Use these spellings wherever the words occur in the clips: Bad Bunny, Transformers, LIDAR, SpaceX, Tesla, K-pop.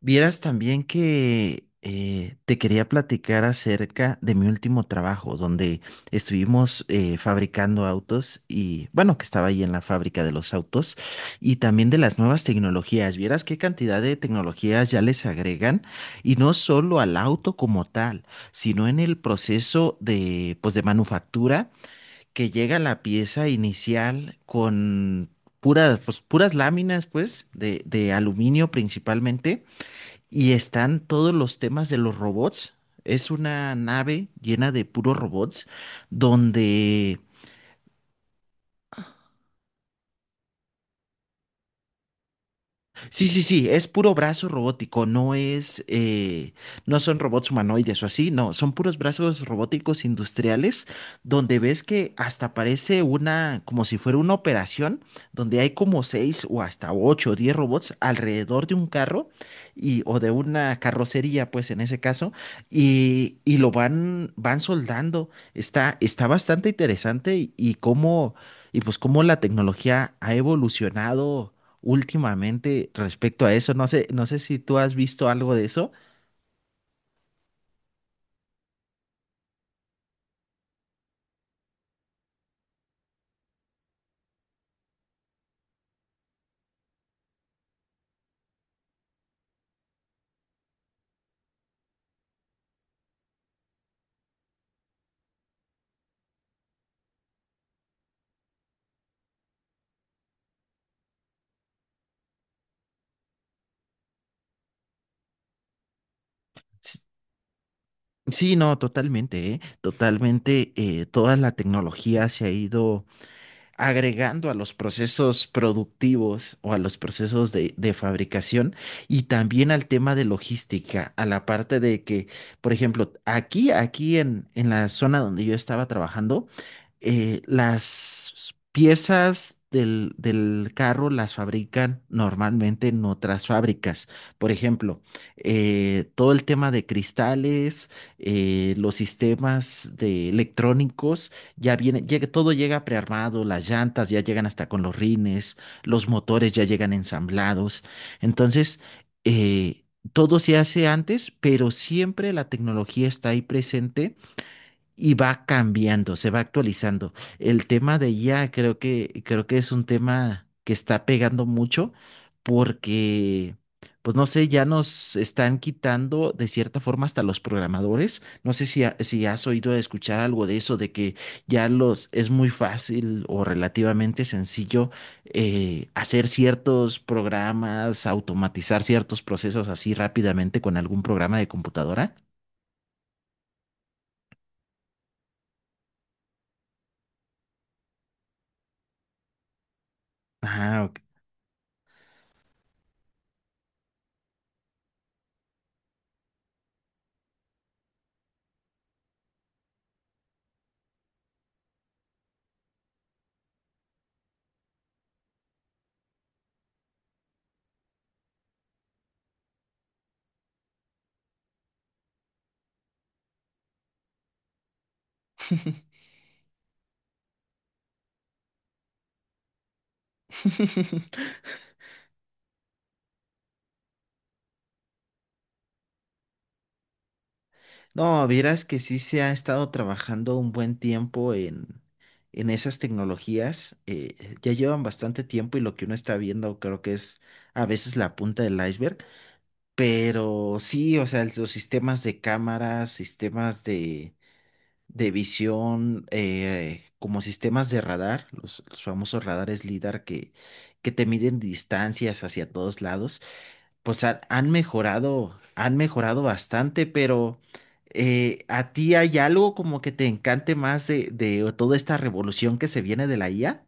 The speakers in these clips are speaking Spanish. Vieras también que te quería platicar acerca de mi último trabajo, donde estuvimos fabricando autos y, bueno, que estaba ahí en la fábrica de los autos y también de las nuevas tecnologías. Vieras qué cantidad de tecnologías ya les agregan y no solo al auto como tal, sino en el proceso de manufactura que llega la pieza inicial. Puras láminas, pues, de aluminio principalmente y están todos los temas de los robots. Es una nave llena de puros robots donde Sí, sí, sí, es puro brazo robótico, no son robots humanoides o así, no, son puros brazos robóticos industriales donde ves que hasta parece como si fuera una operación, donde hay como seis o hasta ocho o 10 robots alrededor de un carro y, o de una carrocería, pues en ese caso, y lo van soldando. Está bastante interesante y pues cómo la tecnología ha evolucionado últimamente respecto a eso. No sé si tú has visto algo de eso. S- Sí, no, totalmente, ¿eh? Totalmente, toda la tecnología se ha ido agregando a los procesos productivos o a los procesos de fabricación y también al tema de logística, a la parte de que, por ejemplo, aquí en la zona donde yo estaba trabajando, las piezas del carro las fabrican normalmente en otras fábricas. Por ejemplo, todo el tema de cristales, los sistemas de electrónicos todo llega prearmado, las llantas ya llegan hasta con los rines, los motores ya llegan ensamblados. Entonces, eh, todo se hace antes, pero siempre la tecnología está ahí presente y va cambiando, se va actualizando. El tema de IA creo que es un tema que está pegando mucho porque, pues no sé, ya nos están quitando de cierta forma hasta los programadores. No sé si has oído escuchar algo de eso, de que ya los es muy fácil o relativamente sencillo hacer ciertos programas, automatizar ciertos procesos así rápidamente con algún programa de computadora. Ah, ok. No, vieras que sí se ha estado trabajando un buen tiempo en esas tecnologías. Ya llevan bastante tiempo y lo que uno está viendo creo que es a veces la punta del iceberg. Pero sí, o sea, los sistemas de cámaras, sistemas de visión, como sistemas de radar, los famosos radares LIDAR que te miden distancias hacia todos lados pues han mejorado bastante, pero ¿a ti hay algo como que te encante más de toda esta revolución que se viene de la IA?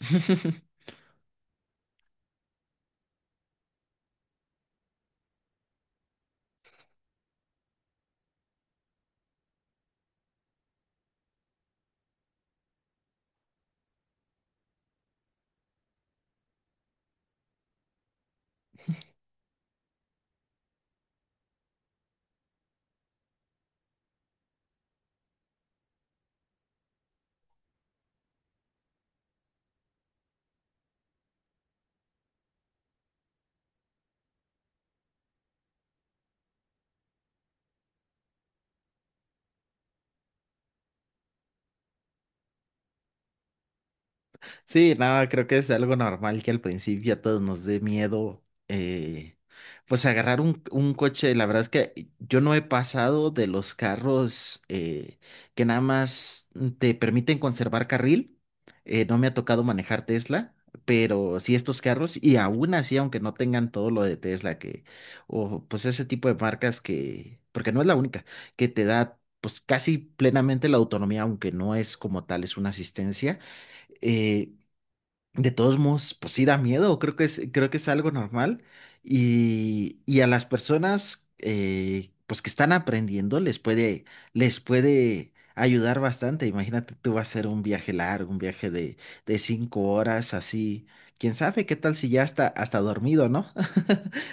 Sí, no, creo que es algo normal que al principio a todos nos dé miedo, eh, pues agarrar un coche. La verdad es que yo no he pasado de los carros que nada más te permiten conservar carril. No me ha tocado manejar Tesla, pero sí estos carros y aún así, aunque no tengan todo lo de Tesla, que, o pues ese tipo de marcas que, porque no es la única, que te da pues casi plenamente la autonomía, aunque no es como tal, es una asistencia. Eh, de todos modos, pues sí da miedo, creo que es algo normal. Y a las personas pues que están aprendiendo les puede ayudar bastante. Imagínate, tú vas a hacer un viaje largo, un viaje de 5 horas, así. ¿Quién sabe qué tal si ya está hasta dormido, no?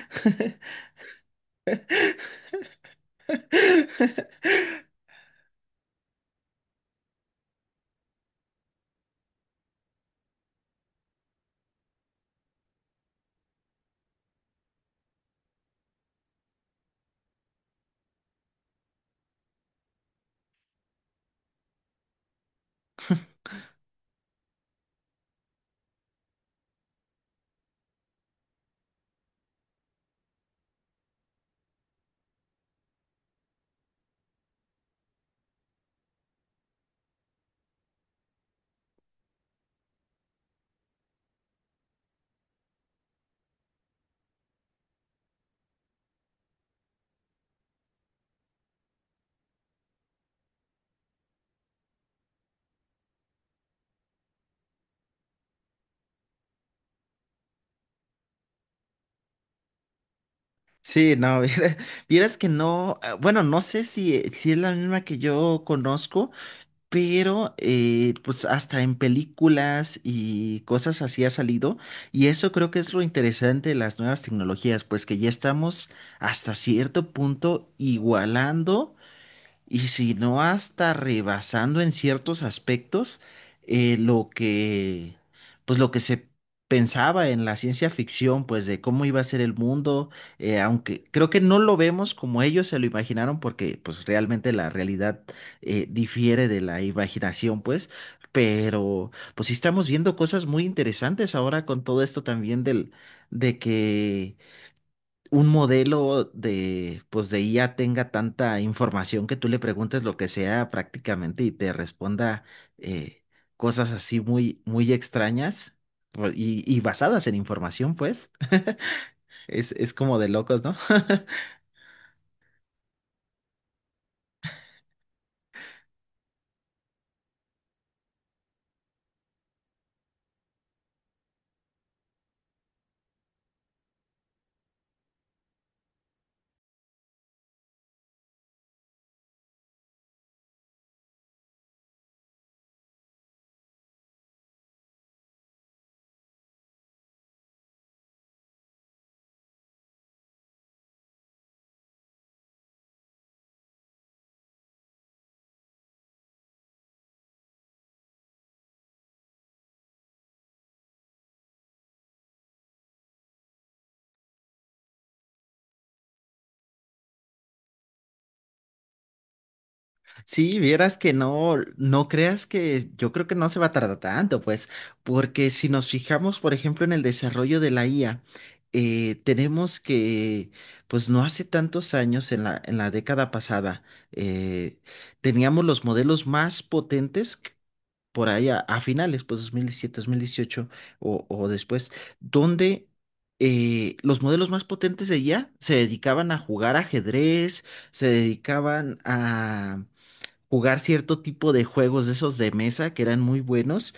Sí, no, vieras que no, bueno, no sé si es la misma que yo conozco. Pero pues hasta en películas y cosas así ha salido. Y eso creo que es lo interesante de las nuevas tecnologías, pues que ya estamos hasta cierto punto igualando y si no hasta rebasando en ciertos aspectos lo que, pues lo que se pensaba en la ciencia ficción, pues de cómo iba a ser el mundo, aunque creo que no lo vemos como ellos se lo imaginaron, porque pues realmente la realidad difiere de la imaginación, pues, pero pues sí estamos viendo cosas muy interesantes ahora con todo esto también del, de que un modelo de IA tenga tanta información que tú le preguntes lo que sea prácticamente y te responda eh, cosas así muy, muy extrañas pues, y basadas en información, pues. Es como de locos, ¿no? Sí, vieras que no, no creas que yo creo que no se va a tardar tanto, pues, porque si nos fijamos, por ejemplo, en el desarrollo de la IA, tenemos que, pues no hace tantos años, en la década pasada, eh, teníamos los modelos más potentes por ahí a, finales, pues dos mil diecisiete, 2018 o después, donde... eh, los modelos más potentes de IA se dedicaban a jugar ajedrez, se dedicaban a jugar cierto tipo de juegos de esos de mesa que eran muy buenos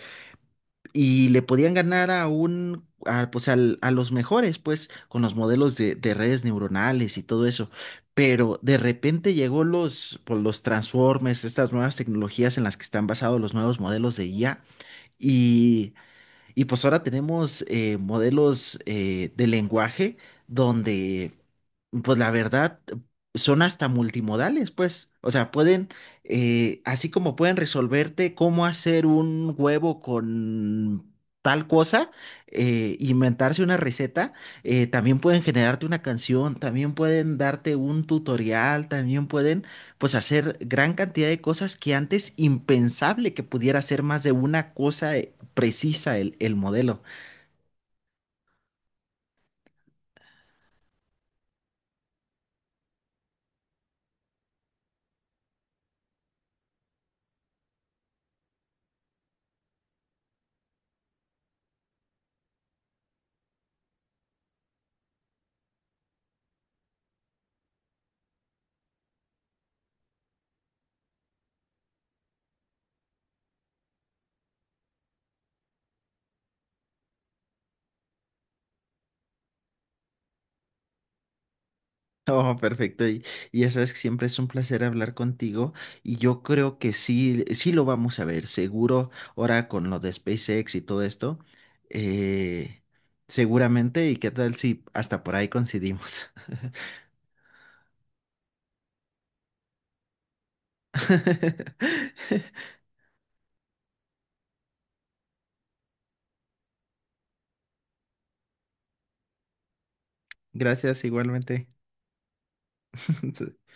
y le podían ganar a un, a, pues al- a los mejores, pues con los modelos de redes neuronales y todo eso. Pero de repente llegó los Transformers, estas nuevas tecnologías en las que están basados los nuevos modelos de IA y y pues ahora tenemos modelos de lenguaje donde, pues la verdad, son hasta multimodales, pues. O sea, pueden, así como pueden resolverte cómo hacer un huevo con tal cosa, inventarse una receta, también pueden generarte una canción, también pueden darte un tutorial, también pueden, pues, hacer gran cantidad de cosas que antes impensable que pudiera hacer más de una cosa precisa el modelo. Oh, perfecto. Y ya sabes que siempre es un placer hablar contigo y yo creo que sí, sí lo vamos a ver, seguro, ahora con lo de SpaceX y todo esto, eh, seguramente, y qué tal si hasta por ahí coincidimos. Gracias igualmente.